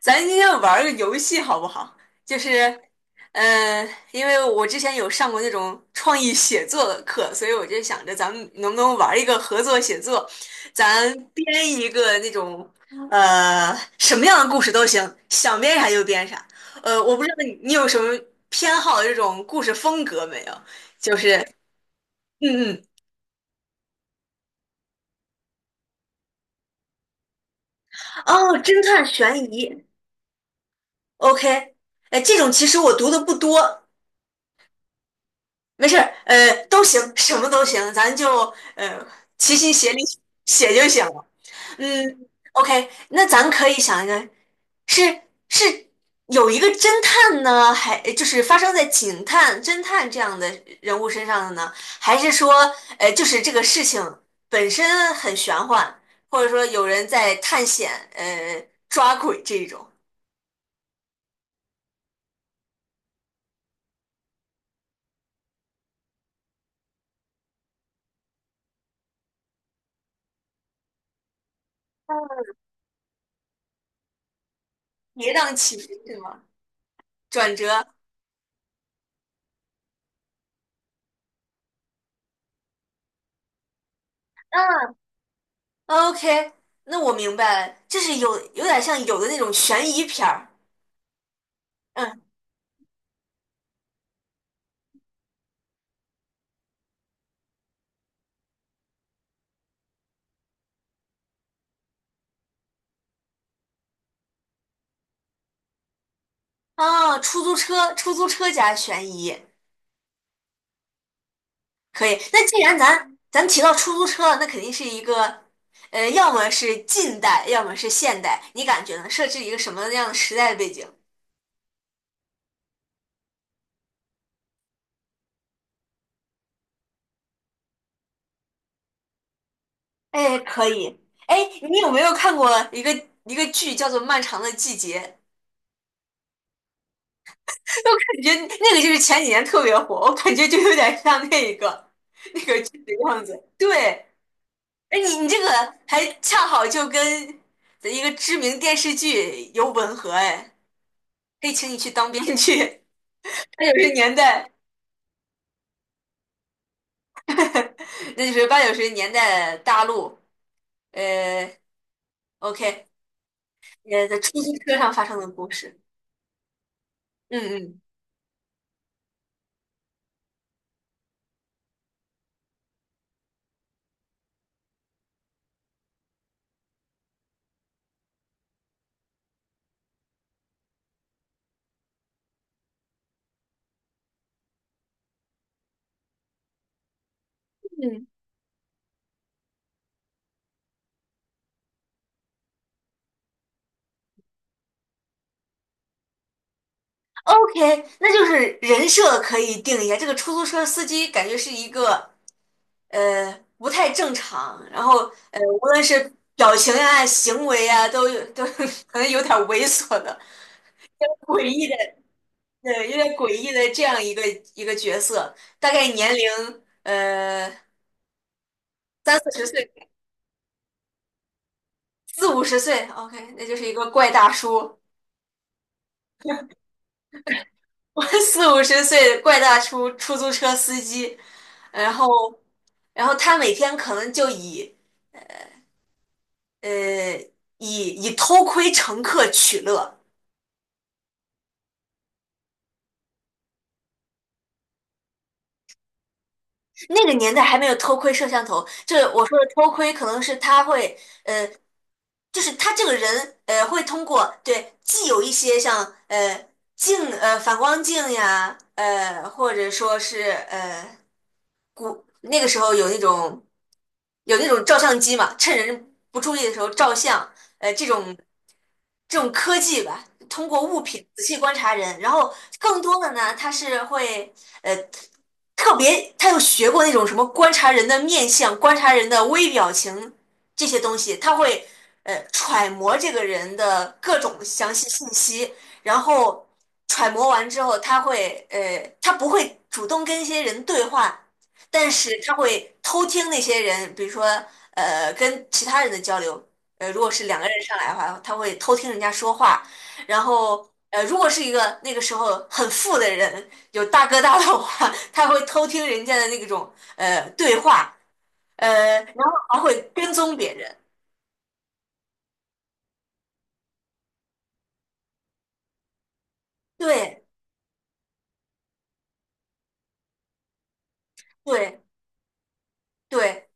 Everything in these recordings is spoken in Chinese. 咱今天玩儿个游戏好不好？就是，因为我之前有上过那种创意写作的课，所以我就想着咱们能不能玩儿一个合作写作，咱编一个那种，什么样的故事都行，想编啥就编啥。我不知道你有什么偏好的这种故事风格没有？就是，嗯嗯，哦，侦探悬疑，OK，哎，这种其实我读的不多。没事儿，都行，什么都行，咱就呃齐心协力写就行了。嗯，OK,那咱可以想一个，是是有一个侦探呢，还就是发生在警探、侦探这样的人物身上的呢，还是说，就是这个事情本身很玄幻，或者说有人在探险，抓鬼这一种。跌宕起伏是吗？转折。OK,那我明白了，就是有点像有的那种悬疑片儿。嗯，啊，出租车，出租车加悬疑，可以。那既然咱提到出租车了，那肯定是一个，要么是近代，要么是现代，你感觉呢？设置一个什么样的时代的背景？哎，可以。哎，你有没有看过一个剧叫做《漫长的季节》？我感觉那个就是前几年特别火，我感觉就有点像那个剧的样子。对。哎，你这个还恰好就跟一个知名电视剧有吻合哎，可以请你去当编剧。八九十年代，那就是八九十年代大陆，呃，OK,在出租车上发生的故事。嗯嗯嗯，OK,那就是人设可以定一下。这个出租车司机感觉是一个不太正常，然后无论是表情啊、行为啊，都有都 可能有点猥琐的、诡异的。对，有点诡异的这样一个角色，大概年龄呃三四十岁、四五十岁，OK,那就是一个怪大叔。四五十岁的怪大叔，出租车司机，然后然后他每天可能就呃以偷窥乘客取乐。那个年代还没有偷窥摄像头，就是我说的偷窥，可能是他会，呃，就是他这个人，会通过对，既有一些像呃镜，呃反光镜呀，或者说是古那个时候有那种照相机嘛，趁人不注意的时候照相，呃，这种这种科技吧，通过物品仔细观察人，然后更多的呢，他是会呃特别，他有学过那种什么观察人的面相、观察人的微表情这些东西，他会揣摩这个人的各种详细信息，然后揣摩完之后，他会他不会主动跟一些人对话，但是他会偷听那些人，比如说跟其他人的交流。如果是两个人上来的话，他会偷听人家说话，然后如果是一个那个时候很富的人，有大哥大的话，他会偷听人家的那种对话，然后还会跟踪别人。对对对，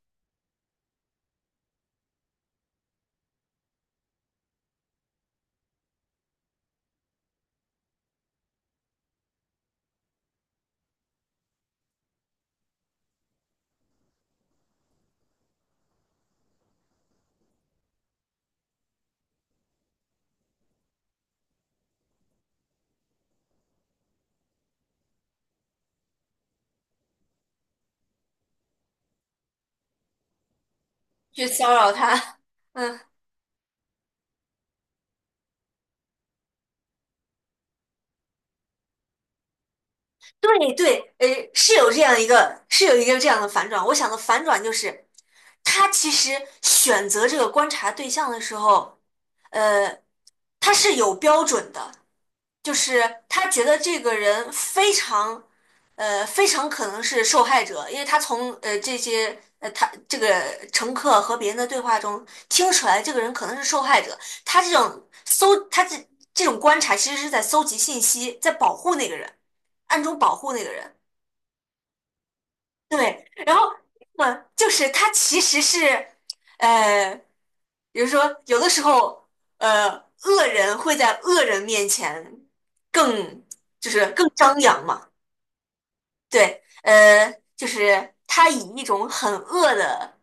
去骚扰他。嗯，对对，是有这样一个是有一个这样的反转，我想的反转就是，他其实选择这个观察对象的时候。呃，他是有标准的，就是他觉得这个人非常，非常可能是受害者，因为他从这些他这个乘客和别人的对话中听出来，这个人可能是受害者。他这种观察其实是在搜集信息，在保护那个人，暗中保护那个人。对，然后就是他其实是，呃。比如说，有的时候，呃，恶人会在恶人面前更就是更张扬嘛。对，就是他以一种很恶的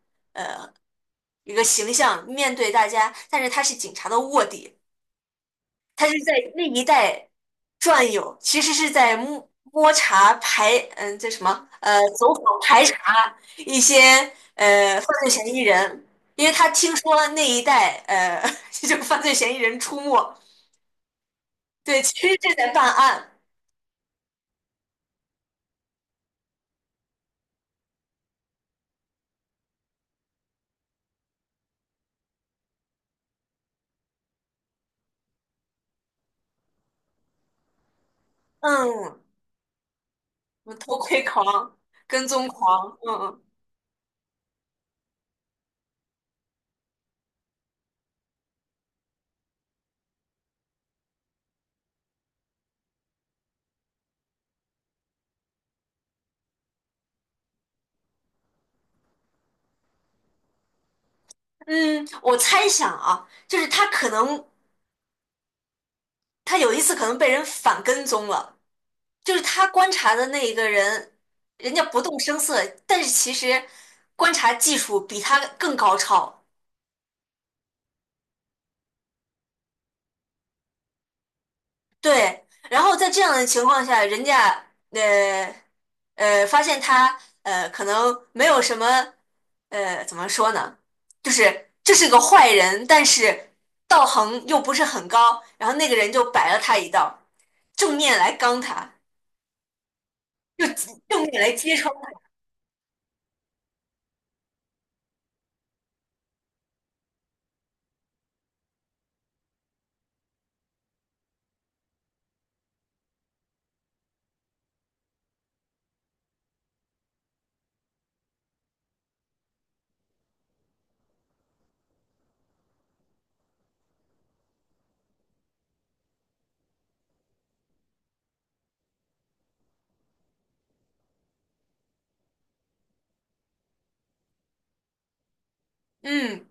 一个形象面对大家，但是他是警察的卧底，他是在那一带转悠，其实是在摸查排，这什么，走访排查一些犯罪嫌疑人，因为他听说那一带就犯罪嫌疑人出没。对，其实这在办案。嗯，什么偷窥狂、跟踪狂。嗯嗯，我猜想啊，就是他有一次可能被人反跟踪了，就是他观察的那一个人，人家不动声色，但是其实观察技术比他更高超。对，然后在这样的情况下，人家呃发现他可能没有什么怎么说呢，就是这是个坏人，但是道行又不是很高，然后那个人就摆了他一道，正面来刚他，就正面来揭穿。嗯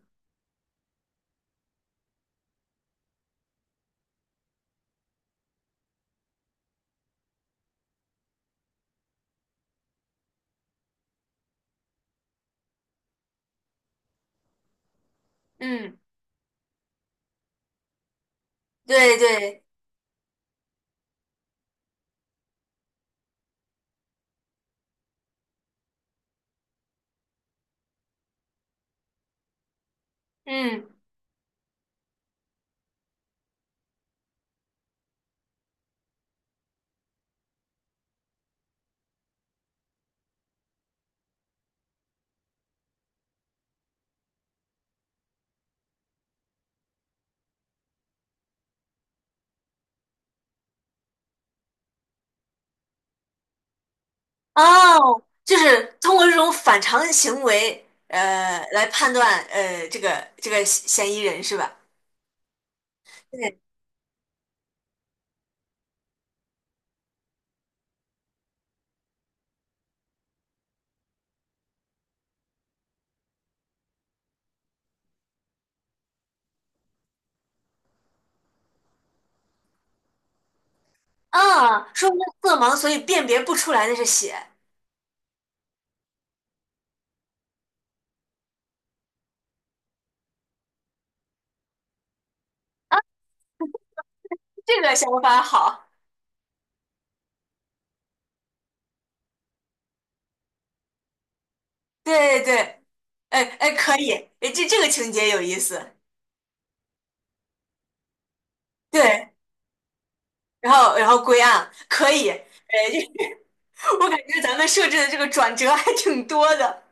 嗯，对对，嗯哦，就是通过这种反常行为来判断这个嫌疑人是吧？对啊，说明色盲，所以辨别不出来那是血，这个想法好。对对对，哎哎，可以，哎这个情节有意思。对，然后归案可以，哎，就 我感觉咱们设置的这个转折还挺多的。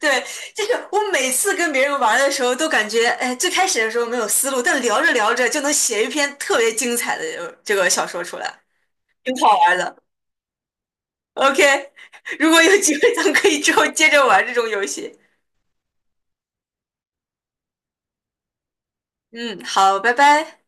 对，就是我每次跟别人玩的时候，都感觉哎，最开始的时候没有思路，但聊着聊着就能写一篇特别精彩的这个小说出来，挺好玩的。OK,如果有机会，咱们可以之后接着玩这种游戏。嗯，好，拜拜。